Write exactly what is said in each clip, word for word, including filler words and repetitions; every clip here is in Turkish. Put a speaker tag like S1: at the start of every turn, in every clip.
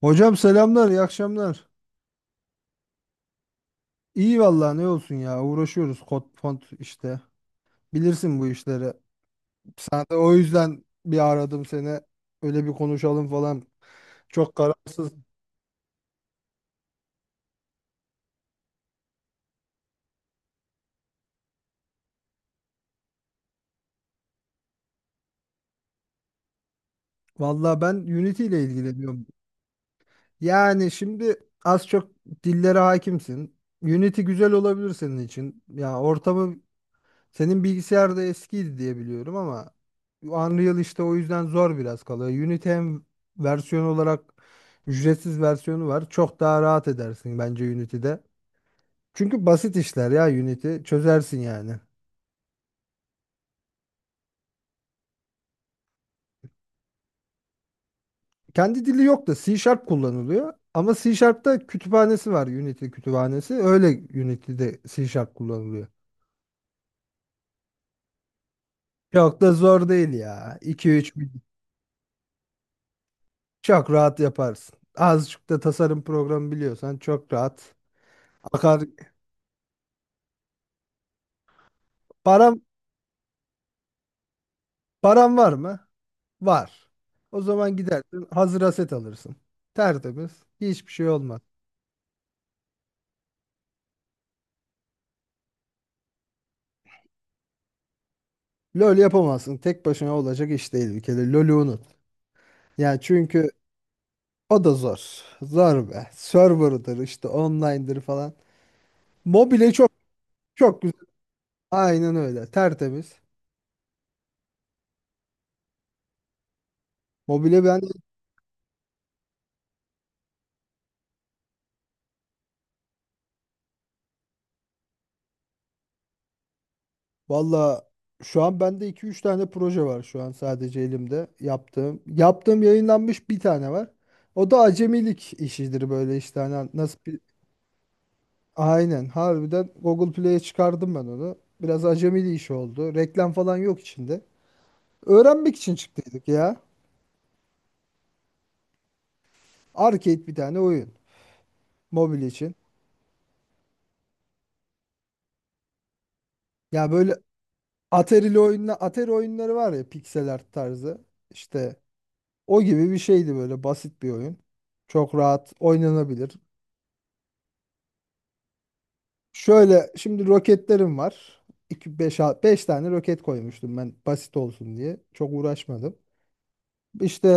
S1: Hocam selamlar, iyi akşamlar. İyi vallahi ne olsun ya, uğraşıyoruz kod font işte. Bilirsin bu işleri. Sen de o yüzden bir aradım seni. Öyle bir konuşalım falan. Çok kararsız. Vallahi ben Unity ile ilgileniyorum. Yani şimdi az çok dillere hakimsin. Unity güzel olabilir senin için. Ya ortamı, senin bilgisayar da eskiydi diye biliyorum ama Unreal işte o yüzden zor biraz kalıyor. Unity hem versiyon olarak ücretsiz versiyonu var. Çok daha rahat edersin bence Unity'de. Çünkü basit işler ya, Unity çözersin yani. Kendi dili yok da C Sharp kullanılıyor. Ama C Sharp'ta kütüphanesi var, Unity kütüphanesi. Öyle Unity'de C Sharp kullanılıyor. Çok da zor değil ya. iki üç çok rahat yaparsın. Azıcık da tasarım programı biliyorsan çok rahat. Akar, para. Paran var mı? Var. O zaman gidersin hazır aset alırsın. Tertemiz. Hiçbir şey olmaz. LoL yapamazsın. Tek başına olacak iş değil bir kere. LoL'ü unut. Yani çünkü o da zor. Zor be. Server'dır işte, online'dır falan. Mobile çok çok güzel. Aynen öyle. Tertemiz. Mobile ben, valla şu an bende iki üç tane proje var şu an sadece elimde yaptığım. Yaptığım yayınlanmış bir tane var. O da acemilik işidir, böyle işte, hani nasıl. Aynen, harbiden Google Play'e çıkardım ben onu. Biraz acemili iş oldu. Reklam falan yok içinde. Öğrenmek için çıktıydık ya. Arcade bir tane oyun. Mobil için. Ya böyle Atari'li oyunla, Atari oyunları var ya, pixel art tarzı. İşte o gibi bir şeydi, böyle basit bir oyun. Çok rahat oynanabilir. Şöyle, şimdi roketlerim var. iki beş beş tane roket koymuştum ben basit olsun diye. Çok uğraşmadım. İşte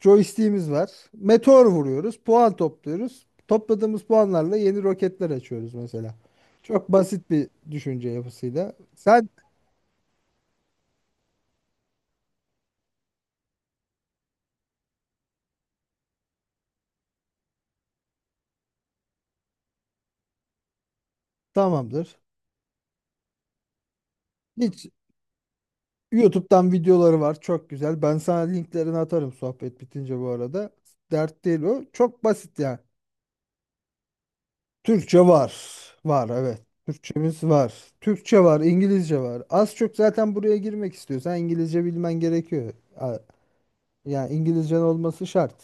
S1: Joystick'imiz var. Meteor vuruyoruz. Puan topluyoruz. Topladığımız puanlarla yeni roketler açıyoruz mesela. Çok basit bir düşünce yapısıyla. Sen tamamdır. Hiç YouTube'dan videoları var. Çok güzel. Ben sana linklerini atarım sohbet bitince bu arada. Dert değil o. Çok basit yani. Türkçe var. Var, evet. Türkçemiz var. Türkçe var, İngilizce var. Az çok zaten buraya girmek istiyorsan İngilizce bilmen gerekiyor. A- Yani İngilizcen olması şart.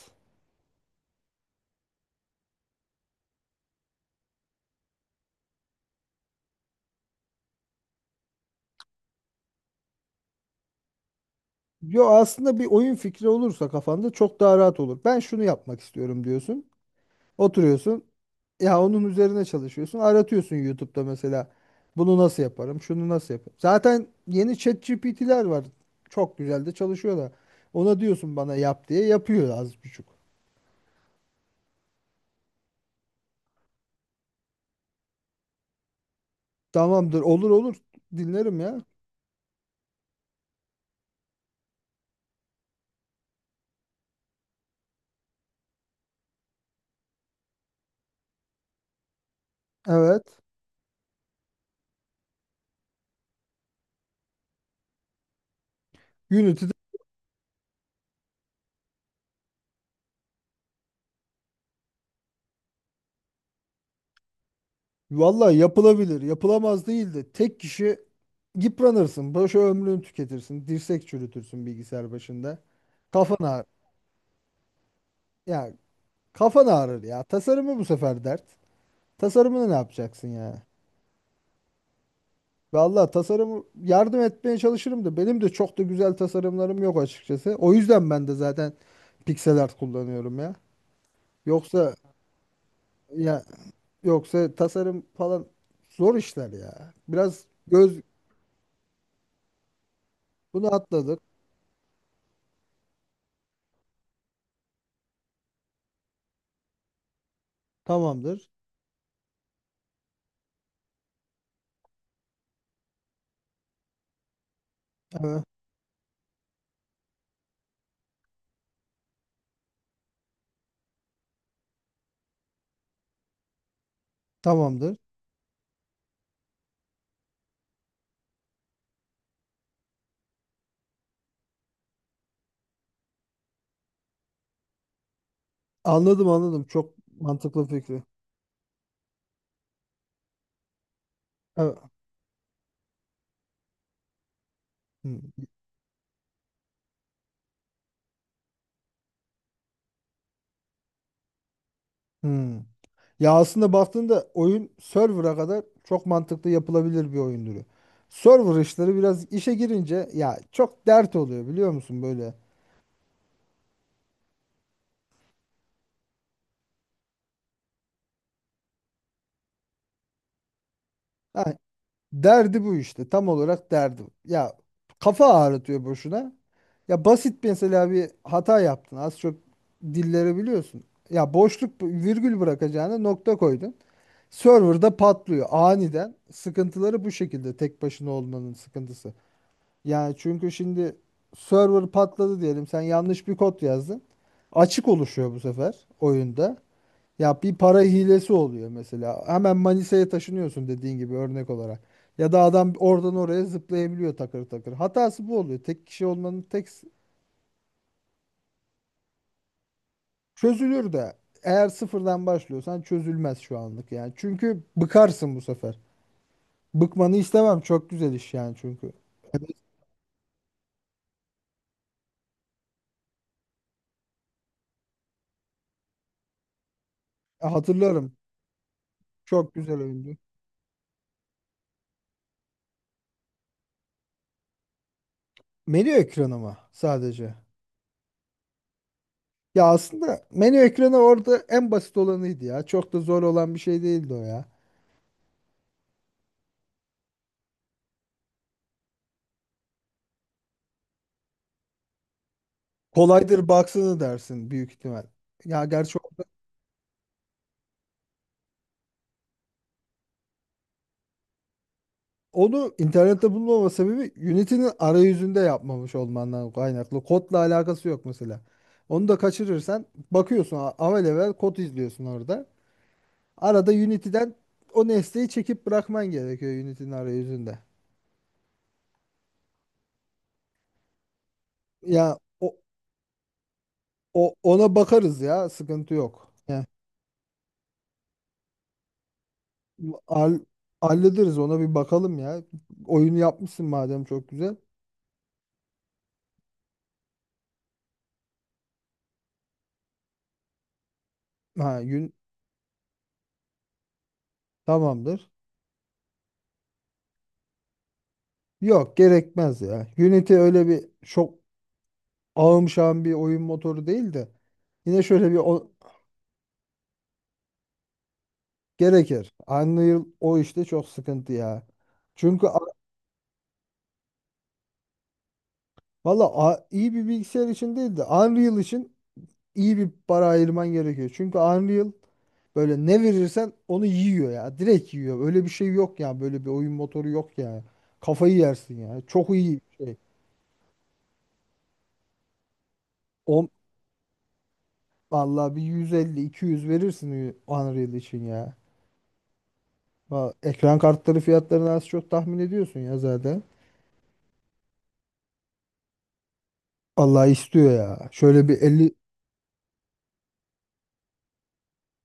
S1: Yo, aslında bir oyun fikri olursa kafanda çok daha rahat olur. Ben şunu yapmak istiyorum diyorsun. Oturuyorsun. Ya onun üzerine çalışıyorsun. Aratıyorsun YouTube'da mesela. Bunu nasıl yaparım? Şunu nasıl yaparım? Zaten yeni ChatGPT'ler var. Çok güzel de çalışıyorlar. Ona diyorsun bana yap diye, yapıyor az buçuk. Tamamdır, olur olur, dinlerim ya. Evet. Unity'de vallahi yapılabilir, yapılamaz değil de tek kişi yıpranırsın, boşa ömrünü tüketirsin, dirsek çürütürsün bilgisayar başında. Kafan ağrır. Ya kafan ağrır ya. Tasarımı bu sefer dert. Tasarımını ne yapacaksın ya? Vallahi tasarımı yardım etmeye çalışırım da benim de çok da güzel tasarımlarım yok açıkçası. O yüzden ben de zaten pixel art kullanıyorum ya. Yoksa ya, yoksa tasarım falan zor işler ya. Biraz göz. Bunu atladık. Tamamdır. Evet. Tamamdır. Anladım, anladım. Çok mantıklı fikri. Evet. Hmm. Hmm. Ya aslında baktığında oyun server'a kadar çok mantıklı yapılabilir bir oyun türü. Server işleri biraz işe girince ya çok dert oluyor, biliyor musun böyle. Derdi bu işte. Tam olarak derdi bu. Ya kafa ağrıtıyor boşuna. Ya basit mesela bir hata yaptın. Az çok dilleri biliyorsun. Ya boşluk virgül bırakacağına nokta koydun. Server'da patlıyor aniden. Sıkıntıları bu şekilde, tek başına olmanın sıkıntısı. Yani çünkü şimdi server patladı diyelim. Sen yanlış bir kod yazdın. Açık oluşuyor bu sefer oyunda. Ya bir para hilesi oluyor mesela. Hemen Manisa'ya taşınıyorsun dediğin gibi örnek olarak. Ya da adam oradan oraya zıplayabiliyor takır takır. Hatası bu oluyor. Tek kişi olmanın tek. Çözülür de, eğer sıfırdan başlıyorsan çözülmez şu anlık yani. Çünkü bıkarsın bu sefer. Bıkmanı istemem. Çok güzel iş yani çünkü. Evet, hatırlarım. Çok güzel oyundu. Menü ekranı mı sadece? Ya aslında menü ekranı orada en basit olanıydı ya. Çok da zor olan bir şey değildi o ya. Kolaydır, baksana, dersin büyük ihtimal. Ya gerçi o, onu internette bulmama sebebi Unity'nin arayüzünde yapmamış olmandan kaynaklı. Kodla alakası yok mesela. Onu da kaçırırsan bakıyorsun, a- avelevel kod izliyorsun orada. Arada Unity'den o nesneyi çekip bırakman gerekiyor Unity'nin arayüzünde. Ya o, o ona bakarız ya, sıkıntı yok. Ya, hall- hallederiz, ona bir bakalım ya. Oyunu yapmışsın madem, çok güzel. Ha, yün, tamamdır. Yok, gerekmez ya. Unity öyle bir çok ağım şağım bir oyun motoru değil de yine şöyle bir o. Gerekir. Unreal o işte çok sıkıntı ya. Çünkü a- valla, a- iyi bir bilgisayar için değil de Unreal için iyi bir para ayırman gerekiyor. Çünkü Unreal böyle ne verirsen onu yiyor ya. Direkt yiyor. Öyle bir şey yok ya. Böyle bir oyun motoru yok ya. Kafayı yersin ya. Çok iyi bir şey. On, vallahi bir yüz elli iki yüz verirsin Unreal için ya. Va- Ekran kartları fiyatlarını az çok tahmin ediyorsun ya zaten. Allah istiyor ya. Şöyle bir elli,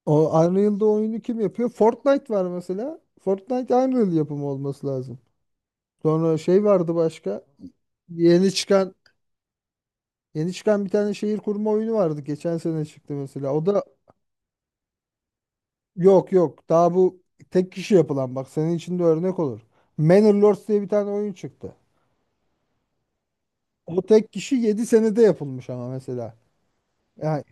S1: o Unreal'da oyunu kim yapıyor? Fortnite var mesela. Fortnite Unreal yapımı olması lazım. Sonra şey vardı başka. Yeni çıkan yeni çıkan bir tane şehir kurma oyunu vardı. Geçen sene çıktı mesela. O da yok yok. Daha bu tek kişi yapılan, bak, senin için de örnek olur. Manor Lords diye bir tane oyun çıktı. O tek kişi yedi senede yapılmış ama mesela. Yani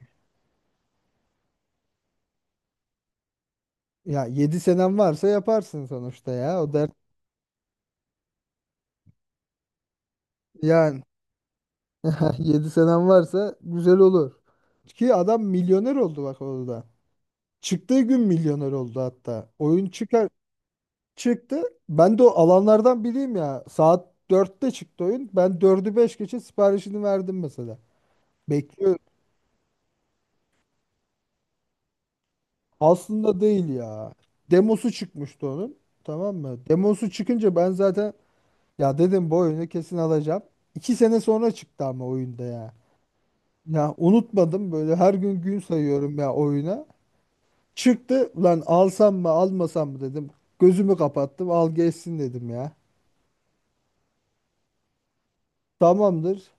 S1: ya yedi senem varsa yaparsın sonuçta ya. O dert yani. Yedi senem varsa güzel olur. Ki adam milyoner oldu bak orada. Çıktığı gün milyoner oldu hatta. Oyun çıkar çıktı. Ben de o alanlardan biriyim ya. Saat dörtte çıktı oyun. Ben dördü beş geçe siparişini verdim mesela. Bekliyorum. Aslında değil ya. Demosu çıkmıştı onun. Tamam mı? Demosu çıkınca ben zaten, ya dedim, bu oyunu kesin alacağım. iki sene sonra çıktı ama oyunda ya. Ya unutmadım, böyle her gün gün sayıyorum ya oyuna. Çıktı lan, alsam mı almasam mı dedim. Gözümü kapattım, al geçsin dedim ya. Tamamdır.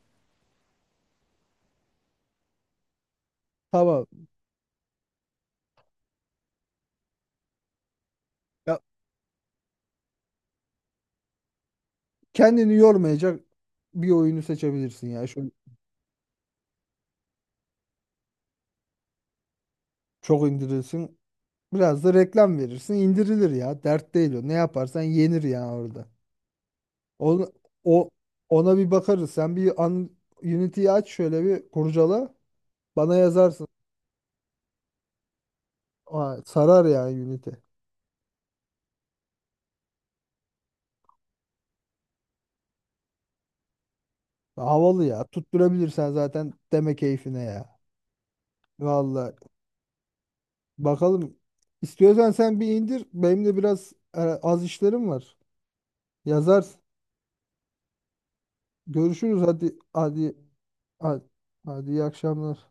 S1: Tamam. Ya kendini yormayacak bir oyunu seçebilirsin ya. Şöyle çok indirirsin. Biraz da reklam verirsin, indirilir ya. Dert değil o. Ne yaparsan yenir ya orada. Onu, o ona bir bakarız. Sen bir an, Unity'yi aç, şöyle bir kurcala. Bana yazarsın. Aa, sarar yani Unity. Havalı ya. Tutturabilirsen zaten deme keyfine ya. Vallahi bakalım. İstiyorsan sen bir indir. Benim de biraz e, az işlerim var. Yazarsın. Görüşürüz, hadi hadi, hadi, hadi, iyi akşamlar.